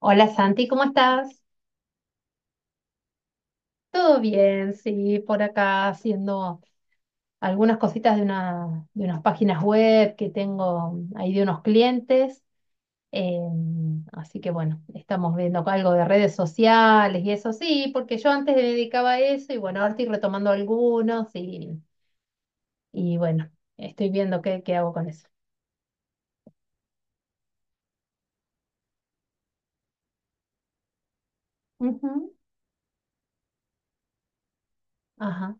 Hola Santi, ¿cómo estás? Todo bien, sí, por acá haciendo algunas cositas de unas páginas web que tengo ahí de unos clientes. eh, Así que bueno, estamos viendo algo de redes sociales y eso sí, porque yo antes me dedicaba a eso y bueno, ahora estoy retomando algunos y bueno, estoy viendo qué hago con eso. Ujú. Ajá.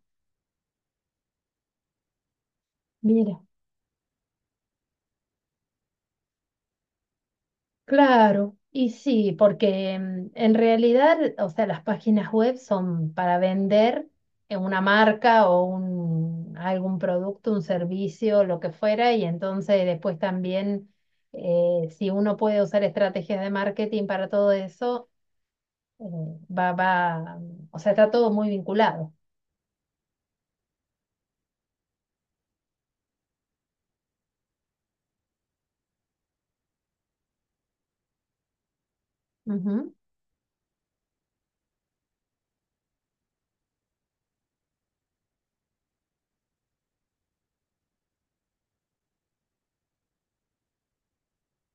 Mira. Claro, y sí, porque en realidad, o sea, las páginas web son para vender una marca o algún producto, un servicio, lo que fuera, y entonces después también, si uno puede usar estrategias de marketing para todo eso, eh, va, o sea, está todo muy vinculado. Ujú.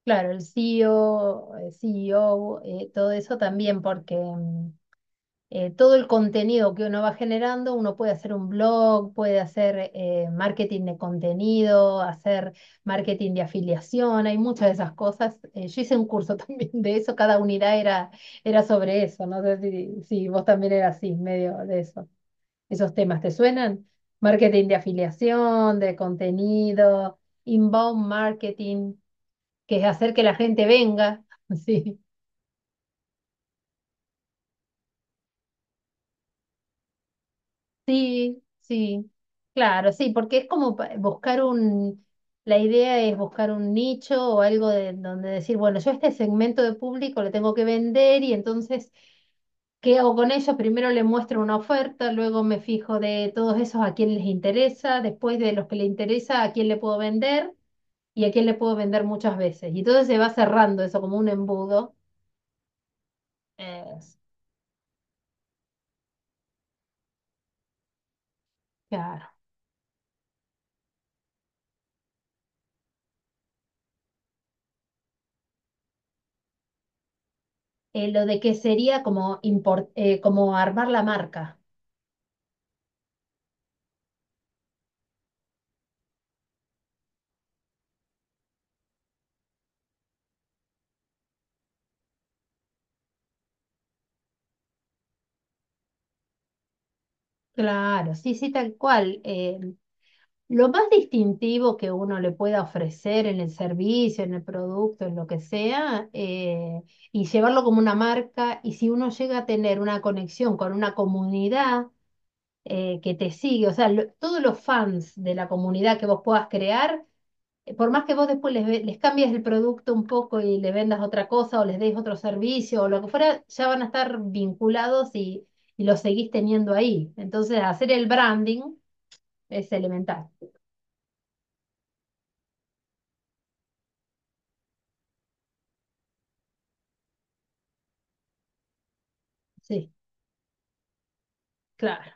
Claro, el CEO, CEO, todo eso también, todo el contenido que uno va generando, uno puede hacer un blog, puede hacer marketing de contenido, hacer marketing de afiliación, hay muchas de esas cosas. Yo hice un curso también de eso, cada unidad era sobre eso, no sé si vos también eras así, medio de eso. ¿Esos temas te suenan? Marketing de afiliación, de contenido, inbound marketing, que es hacer que la gente venga, sí. Sí, sí, claro, sí, porque es como la idea es buscar un nicho o algo de donde decir, bueno, yo a este segmento de público le tengo que vender y entonces, ¿qué hago con ellos? Primero le muestro una oferta, luego me fijo de todos esos a quién les interesa, después de los que le interesa, a quién le puedo vender y a quién le puedo vender muchas veces. Y entonces se va cerrando eso como un embudo. Es, claro. Lo de que sería como, como armar la marca. Claro, sí, sí, tal cual. Lo más distintivo que uno le pueda ofrecer en el servicio, en el producto, en lo que sea, y llevarlo como una marca, y si uno llega a tener una conexión con una comunidad que te sigue, o sea, todos los fans de la comunidad que vos puedas crear, por más que vos después les cambies el producto un poco y le vendas otra cosa o les des otro servicio o lo que fuera, ya van a estar vinculados y los seguís teniendo ahí. Entonces, hacer el branding es elemental. Sí, claro.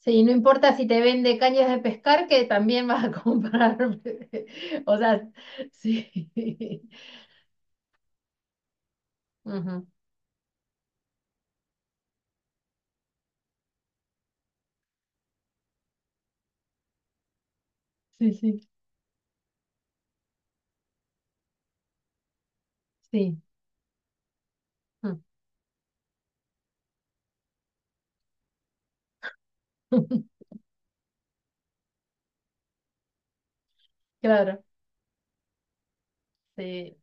Sí, no importa si te vende cañas de pescar, que también vas a comprar. O sea, sí. Ujú. Sí, sí, sí. Claro, sí,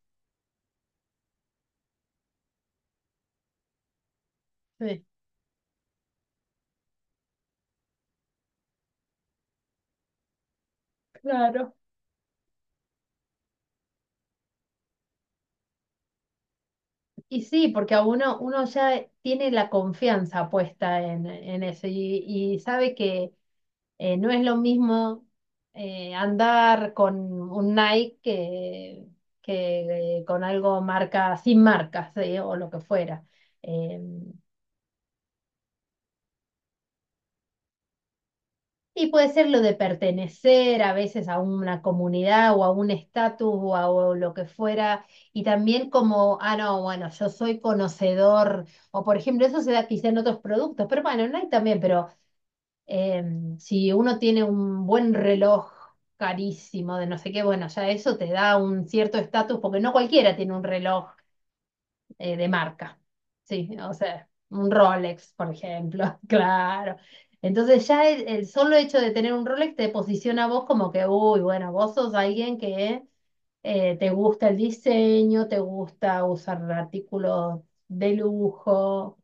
sí, claro. Y sí, porque uno ya tiene la confianza puesta en eso y sabe que no es lo mismo andar con un Nike que, que con algo marca, sin marcas, o lo que fuera. Eh, Y puede ser lo de pertenecer a veces a una comunidad o a un estatus o a o lo que fuera, y también como, ah, no, bueno, yo soy conocedor, o por ejemplo, eso se da quizá en otros productos, pero bueno, no hay también, pero si uno tiene un buen reloj carísimo de no sé qué, bueno, ya eso te da un cierto estatus, porque no cualquiera tiene un reloj de marca, sí, o sea, un Rolex, por ejemplo, claro. Entonces ya el solo hecho de tener un Rolex te posiciona a vos como que, uy, bueno, vos sos alguien que ¿te gusta el diseño? ¿Te gusta usar artículos de lujo?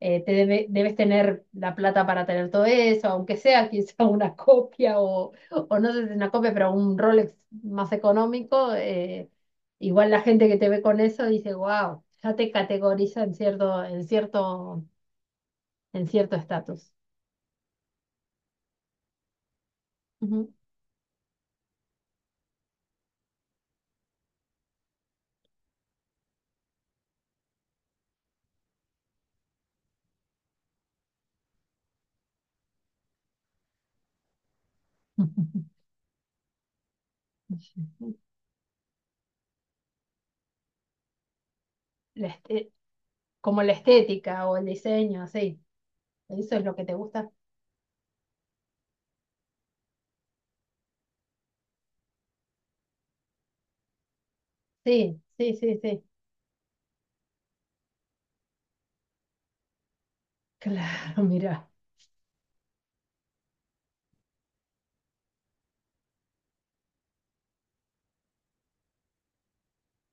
Debes tener la plata para tener todo eso, aunque sea quizá una copia o no sé si una copia, pero un Rolex más económico. Igual la gente que te ve con eso dice, wow, ya te categoriza en cierto, en cierto estatus. Ujú. La este- Como la estética o el diseño, sí. Eso es lo que te gusta. Sí, sí, sí, sí. Claro, mira.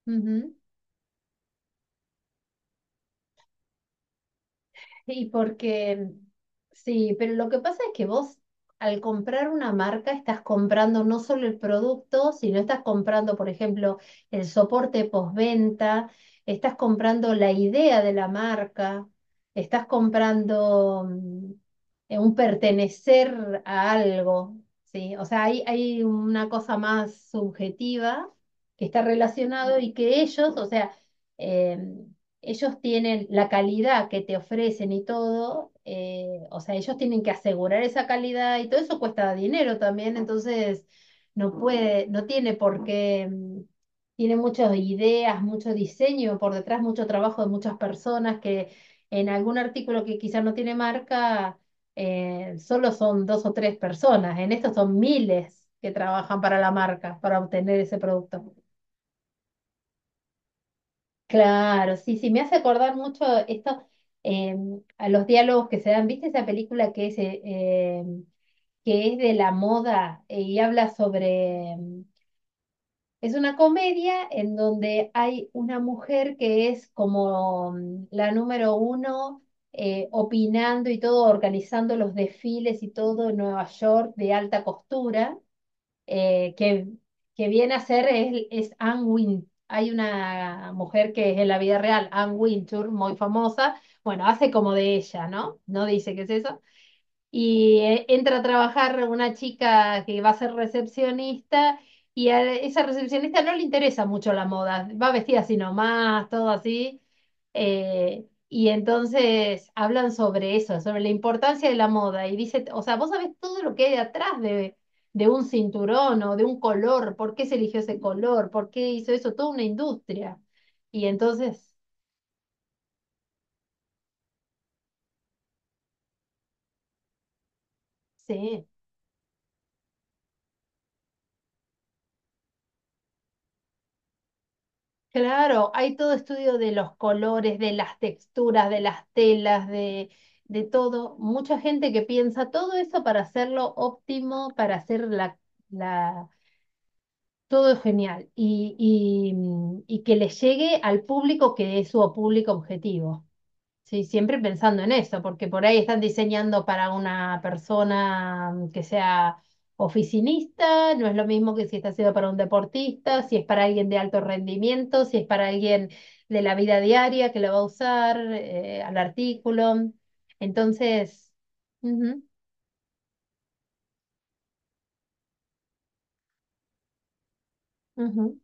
Ujú. Y porque, sí, pero lo que pasa es que vos al comprar una marca estás comprando no solo el producto, sino estás comprando, por ejemplo, el soporte postventa, estás comprando la idea de la marca, estás comprando un pertenecer a algo, ¿sí? O sea, hay una cosa más subjetiva que está relacionado y que ellos, o sea, em, ellos tienen la calidad que te ofrecen y todo, o sea, ellos tienen que asegurar esa calidad y todo eso cuesta dinero también, entonces no puede, no tiene por qué, tiene muchas ideas, mucho diseño por detrás, mucho trabajo de muchas personas que en algún artículo que quizás no tiene marca, solo son dos o tres personas, en esto son miles que trabajan para la marca, para obtener ese producto. Claro, sí, sí, me hace acordar mucho esto eh, a los diálogos que se dan. ¿Viste esa película que es de la moda y habla sobre es una comedia en donde hay una mujer que es como la número uno opinando y todo, organizando los desfiles y todo en Nueva York de alta costura eh, que, que viene a ser es Anne Win. Hay una mujer que es en la vida real, Anne Wintour, muy famosa. Bueno, hace como de ella, ¿no? No dice qué es eso. Entra a trabajar una chica que va a ser recepcionista y a esa recepcionista no le interesa mucho la moda, va vestida así nomás, todo así. Y entonces hablan sobre eso, sobre la importancia de la moda y dice, o sea, vos sabés todo lo que hay detrás de un cinturón o de un color, por qué se eligió ese color, por qué hizo eso, toda una industria. Y entonces, sí. Claro, hay todo estudio de los colores, de las texturas, de las telas, de todo. Mucha gente que piensa todo eso para hacerlo óptimo, para hacer la, todo genial y que le llegue al público que es su público objetivo. Sí, siempre pensando en eso, porque por ahí están diseñando para una persona que sea oficinista, no es lo mismo que si está siendo para un deportista, si es para alguien de alto rendimiento, si es para alguien de la vida diaria que lo va a usar, al artículo. Entonces, ujú, ujú,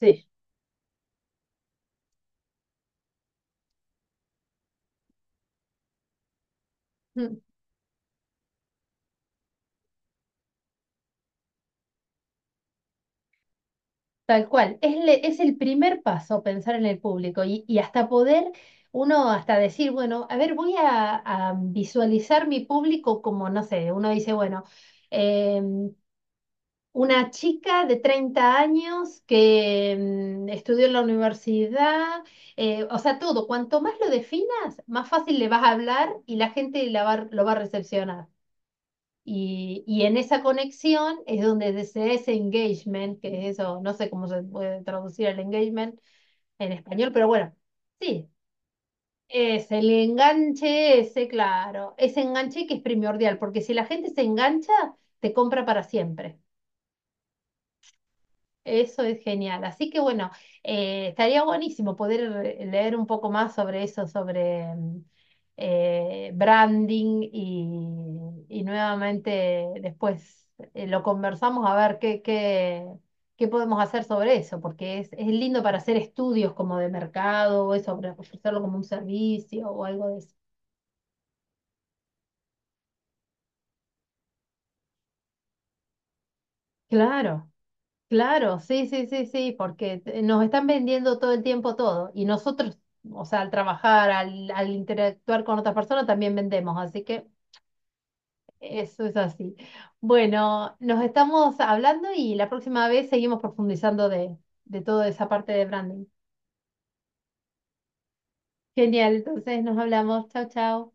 sí. Tal cual, es el primer paso pensar en el público y hasta poder uno hasta decir, bueno, a ver, voy a visualizar mi público como, no sé, uno dice, bueno, eh, una chica de 30 años que estudió en la universidad, o sea, todo, cuanto más lo definas, más fácil le vas a hablar y la gente lo va a recepcionar. Y en esa conexión es donde se da ese engagement, que es eso, no sé cómo se puede traducir el engagement en español, pero bueno, sí, es el enganche ese, claro, ese enganche que es primordial, porque si la gente se engancha, te compra para siempre. Eso es genial. Así que bueno, estaría buenísimo poder leer un poco más sobre eso, sobre branding y nuevamente después lo conversamos a ver qué podemos hacer sobre eso, porque es lindo para hacer estudios como de mercado o eso, para ofrecerlo como un servicio o algo de eso. Claro. Claro, sí, sí, sí, sí, porque nos están vendiendo todo el tiempo todo y nosotros, o sea, al trabajar, al interactuar con otras personas también vendemos, así que eso es así. Bueno, nos estamos hablando y la próxima vez seguimos profundizando de toda esa parte de branding. Genial, entonces nos hablamos. Chao, chao.